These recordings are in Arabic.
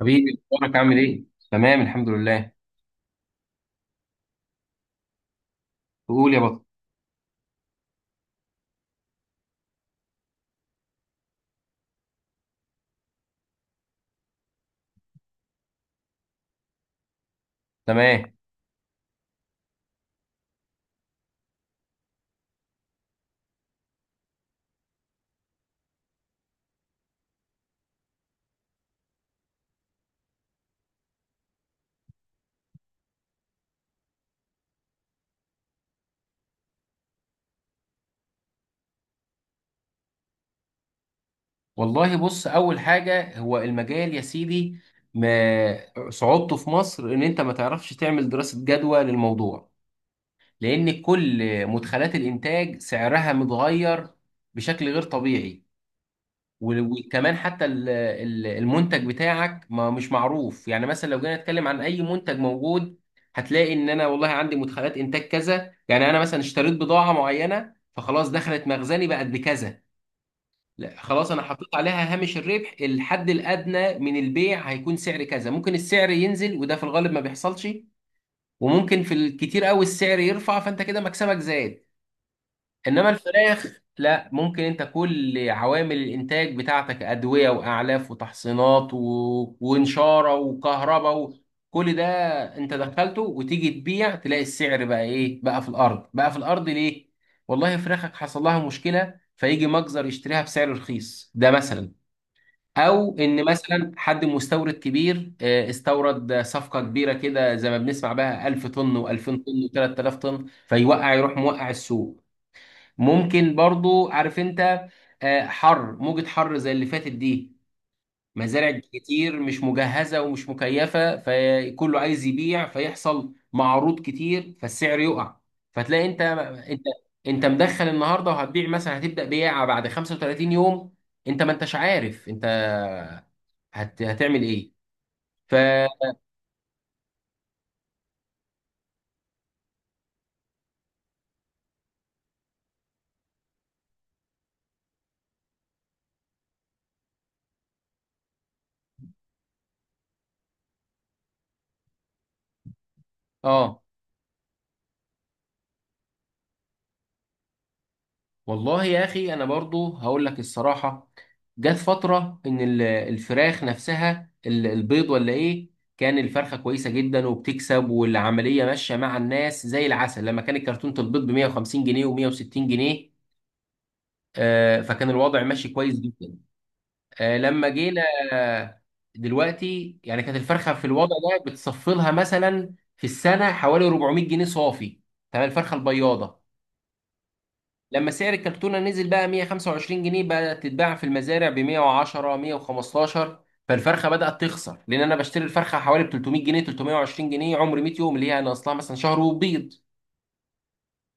حبيبي اخبارك عامل ايه؟ تمام الحمد لله. قول يا بطل. تمام، والله بص اول حاجه هو المجال يا سيدي ما صعوبته في مصر ان انت ما تعرفش تعمل دراسه جدوى للموضوع لان كل مدخلات الانتاج سعرها متغير بشكل غير طبيعي. و- وكمان حتى المنتج بتاعك ما مش معروف، يعني مثلا لو جينا نتكلم عن اي منتج موجود هتلاقي ان انا والله عندي مدخلات انتاج كذا، يعني انا مثلا اشتريت بضاعة معينة فخلاص دخلت مخزني بقت بكذا، لا خلاص انا حطيت عليها هامش الربح الحد الادنى من البيع هيكون سعر كذا، ممكن السعر ينزل وده في الغالب ما بيحصلش، وممكن في الكتير قوي السعر يرفع فانت كده مكسبك زاد. انما الفراخ لا، ممكن انت كل عوامل الانتاج بتاعتك ادويه واعلاف وتحصينات ونشاره وكهرباء كل ده انت دخلته وتيجي تبيع تلاقي السعر بقى ايه، بقى في الارض. بقى في الارض ليه؟ والله فراخك حصل لها مشكله فيجي مجزر يشتريها بسعر رخيص، ده مثلا. او ان مثلا حد مستورد كبير استورد صفقه كبيره كده زي ما بنسمع بقى 1000 طن و2000 طن و3000 طن، فيوقع يروح موقع السوق. ممكن برضو، عارف انت، حر، موجة حر زي اللي فاتت دي، مزارع كتير مش مجهزة ومش مكيفة فكله عايز يبيع فيحصل معروض كتير فالسعر يقع. فتلاقي انت مدخل النهارده وهتبيع مثلا، هتبدأ بيعة بعد 35 يوم، انت ما انتش عارف انت هتعمل ايه؟ ف اه والله يا اخي انا برضو هقول لك الصراحه، جت فتره ان الفراخ نفسها البيض ولا ايه، كان الفرخه كويسه جدا وبتكسب والعمليه ماشيه مع الناس زي العسل لما كانت كرتونه البيض ب 150 جنيه و160 جنيه، فكان الوضع ماشي كويس جدا. لما جينا آه، دلوقتي، يعني كانت الفرخه في الوضع ده بتصفلها مثلا في السنه حوالي 400 جنيه صافي، تمام، الفرخه البياضه. لما سعر الكرتونة نزل بقى 125 جنيه بدأت تتباع في المزارع ب 110 115، فالفرخة بدأت تخسر لأن أنا بشتري الفرخة حوالي ب 300 جنيه 320 جنيه عمر 100 يوم اللي هي أنا أصلها مثلا شهر وبيض.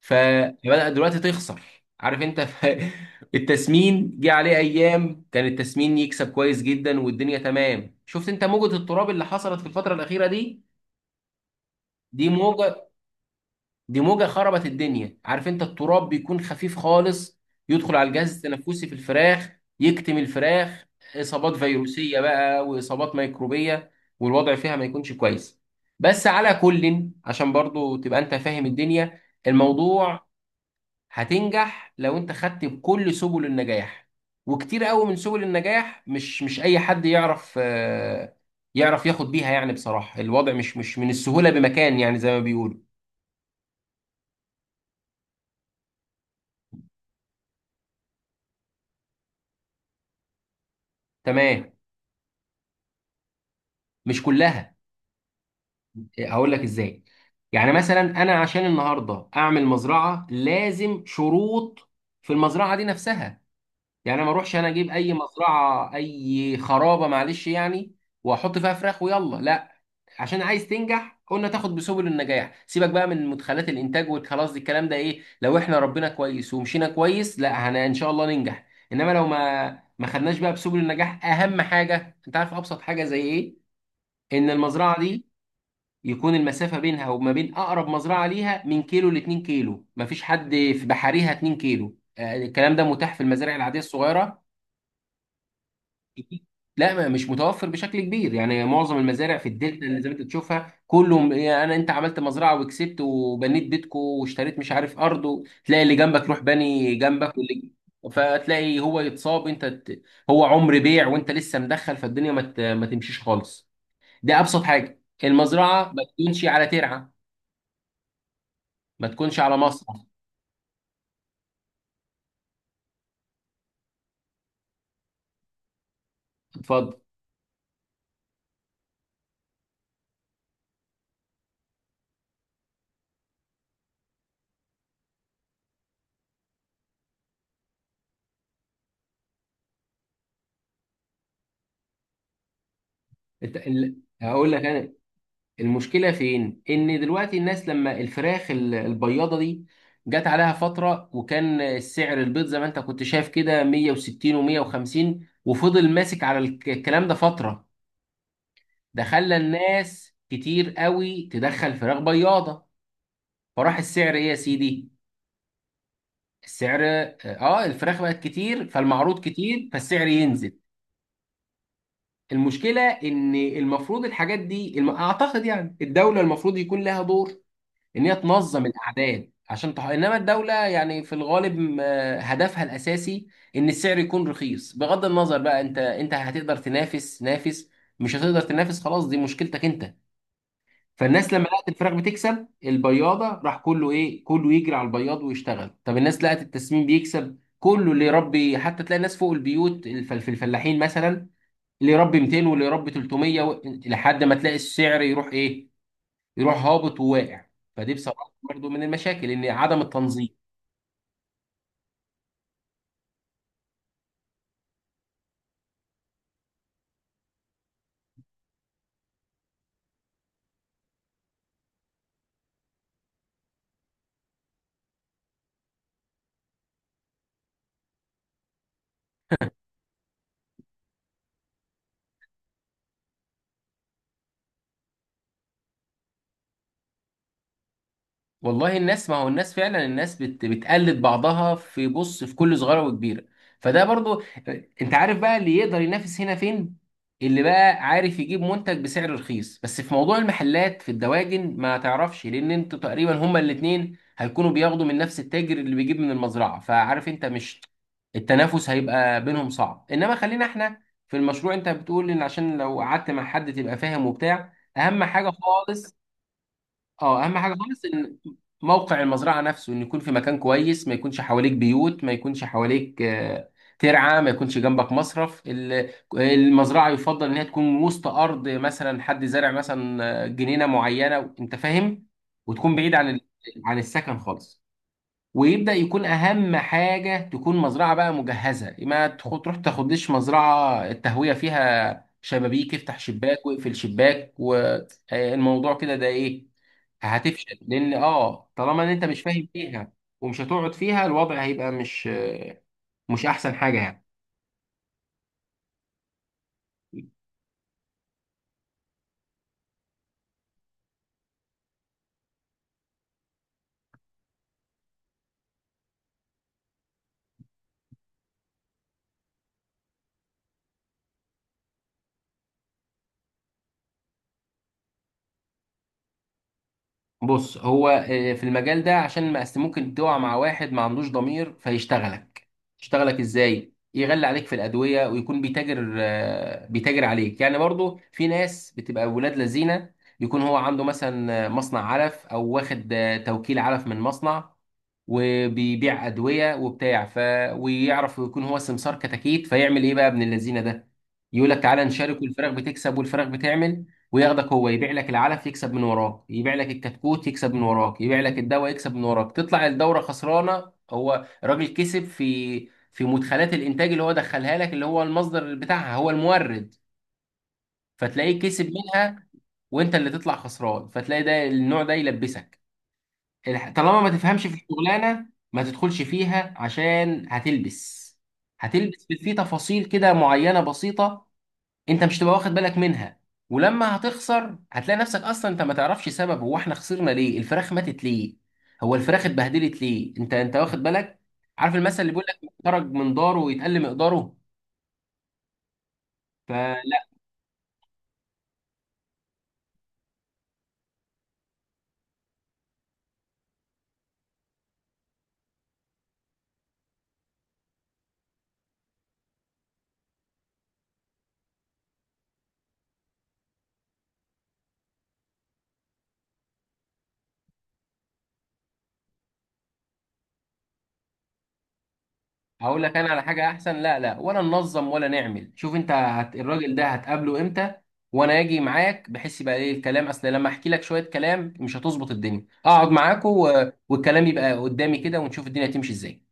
ف- فبدأت دلوقتي تخسر، عارف أنت التسمين جه عليه أيام كان التسمين يكسب كويس جدا والدنيا تمام، شفت أنت موجة التراب اللي حصلت في الفترة الأخيرة دي، دي موجة، خربت الدنيا. عارف انت التراب بيكون خفيف خالص، يدخل على الجهاز التنفسي في الفراخ، يكتم الفراخ، إصابات فيروسية بقى وإصابات ميكروبية، والوضع فيها ما يكونش كويس. بس على كل، عشان برضو تبقى انت فاهم الدنيا، الموضوع هتنجح لو انت خدت بكل سبل النجاح، وكتير قوي من سبل النجاح مش اي حد يعرف يعرف ياخد بيها، يعني بصراحة الوضع مش مش من السهولة بمكان يعني زي ما بيقولوا. تمام، مش كلها. هقول لك ازاي، يعني مثلا انا عشان النهارده اعمل مزرعه لازم شروط في المزرعه دي نفسها، يعني أنا ما اروحش انا اجيب اي مزرعه اي خرابه معلش يعني، واحط فيها فراخ ويلا لا، عشان عايز تنجح قلنا تاخد بسبل النجاح، سيبك بقى من مدخلات الانتاج والخلاص دي الكلام ده ايه، لو احنا ربنا كويس ومشينا كويس لا هن ان شاء الله ننجح، انما لو ما خدناش بقى بسبل النجاح، اهم حاجه انت عارف، ابسط حاجه زي ايه، ان المزرعه دي يكون المسافة بينها وما بين أقرب مزرعة ليها من كيلو لاتنين كيلو، مفيش حد في بحريها اتنين كيلو، الكلام ده متاح في المزارع العادية الصغيرة. لا، مش متوفر بشكل كبير، يعني معظم المزارع في الدلتا اللي زي ما انت تشوفها كله، يعني انا انت عملت مزرعه وكسبت وبنيت بيتكو واشتريت مش عارف ارض تلاقي اللي جنبك روح بني جنبك واللي، فتلاقي هو يتصاب انت هو عمر بيع وانت لسه مدخل فالدنيا ما تمشيش خالص. ده ابسط حاجه، المزرعه ما تكونش على ترعه، ما تكونش على مصرف. اتفضل. إت- ال- هقول لك انا المشكله فين، ان دلوقتي الناس لما الفراخ البياضه دي جت عليها فتره وكان السعر البيض زي ما انت كنت شايف كده 160 و150، وفضل ماسك على الكلام ده فتره، ده خلى الناس كتير قوي تدخل فراخ بياضه، فراح السعر ايه يا سيدي؟ السعر اه، الفراخ بقت كتير فالمعروض كتير فالسعر ينزل. المشكلة إن المفروض الحاجات دي أعتقد يعني الدولة المفروض يكون لها دور، إن هي تنظم الأعداد عشان إنما الدولة يعني في الغالب هدفها الأساسي إن السعر يكون رخيص، بغض النظر بقى أنت هتقدر تنافس نافس، مش هتقدر تنافس خلاص دي مشكلتك أنت. فالناس لما لقت الفراخ بتكسب البياضة راح كله إيه، كله يجري على البياض ويشتغل. طب الناس لقت التسمين بيكسب كله اللي يربي، حتى تلاقي ناس فوق البيوت في الفلاحين مثلا اللي يربي 200 واللي يربي 300 لحد ما تلاقي السعر يروح ايه، يروح هابط وواقع. فدي بصراحة برضو من المشاكل، ان عدم التنظيم. والله الناس، ما هو الناس فعلا الناس بتقلد بعضها في بص في كل صغيره وكبيره، فده برضو. انت عارف بقى اللي يقدر ينافس هنا فين؟ اللي بقى عارف يجيب منتج بسعر رخيص، بس في موضوع المحلات في الدواجن ما تعرفش لان انتوا تقريبا هما الاتنين هيكونوا بياخدوا من نفس التاجر اللي بيجيب من المزرعه، فعارف انت، مش التنافس هيبقى بينهم صعب. انما خلينا احنا في المشروع، انت بتقول ان عشان لو قعدت مع حد تبقى فاهم وبتاع، اهم حاجه خالص، اه، اهم حاجه خالص ان موقع المزرعه نفسه ان يكون في مكان كويس، ما يكونش حواليك بيوت، ما يكونش حواليك ترعه، ما يكونش جنبك مصرف، المزرعه يفضل ان هي تكون وسط ارض، مثلا حد زارع مثلا جنينه معينه انت فاهم، وتكون بعيد عن عن السكن خالص. ويبدا يكون اهم حاجه تكون مزرعه بقى مجهزه، ما تخ- تروح تاخدش مزرعه التهويه فيها شبابيك افتح شباك واقفل شباك والموضوع كده، ده ايه، هتفشل لان اه طالما ان انت مش فاهم فيها، ومش هتقعد فيها الوضع هيبقى مش احسن حاجه يعني. بص هو في المجال ده عشان ما أست- ممكن تقع مع واحد ما عندوش ضمير فيشتغلك، يشتغلك ازاي، يغلي عليك في الادويه ويكون بيتاجر بيتاجر عليك، يعني برضو في ناس بتبقى ولاد لذينه، يكون هو عنده مثلا مصنع علف او واخد توكيل علف من مصنع وبيبيع ادويه وبتاع ويعرف يكون هو سمسار كتاكيت، فيعمل ايه بقى ابن اللذينه ده، يقول لك تعالى نشارك والفراخ بتكسب والفراخ بتعمل، وياخدك، هو يبيع لك العلف يكسب من وراك، يبيع لك الكتكوت يكسب من وراك، يبيع لك الدواء يكسب من وراك، تطلع الدورة خسرانة، هو راجل كسب في مدخلات الانتاج اللي هو دخلها لك اللي هو المصدر بتاعها، هو المورد، فتلاقيه كسب منها، وانت اللي تطلع خسران. فتلاقي ده، النوع ده يلبسك. طالما ما تفهمش في الشغلانة ما تدخلش فيها عشان هتلبس، هتلبس في تفاصيل كده معينة بسيطة انت مش تبقى واخد بالك منها، ولما هتخسر هتلاقي نفسك اصلا انت ما تعرفش سبب، هو احنا خسرنا ليه، الفراخ ماتت ليه، هو الفراخ اتبهدلت ليه، انت واخد بالك، عارف المثل اللي بيقول لك خرج من داره ويتقل مقداره، فلا. هقول لك انا على حاجه احسن، لا ولا ننظم ولا نعمل، شوف انت الراجل ده هتقابله امتى، وانا اجي معاك بحس يبقى ايه الكلام، اصل لما احكي لك شويه كلام مش هتظبط الدنيا، اقعد معاكوا والكلام يبقى قدامي كده ونشوف الدنيا هتمشي ازاي.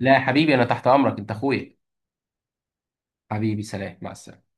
لا يا حبيبي انا تحت امرك انت اخويا، حبيبي، سلام، مع السلامة.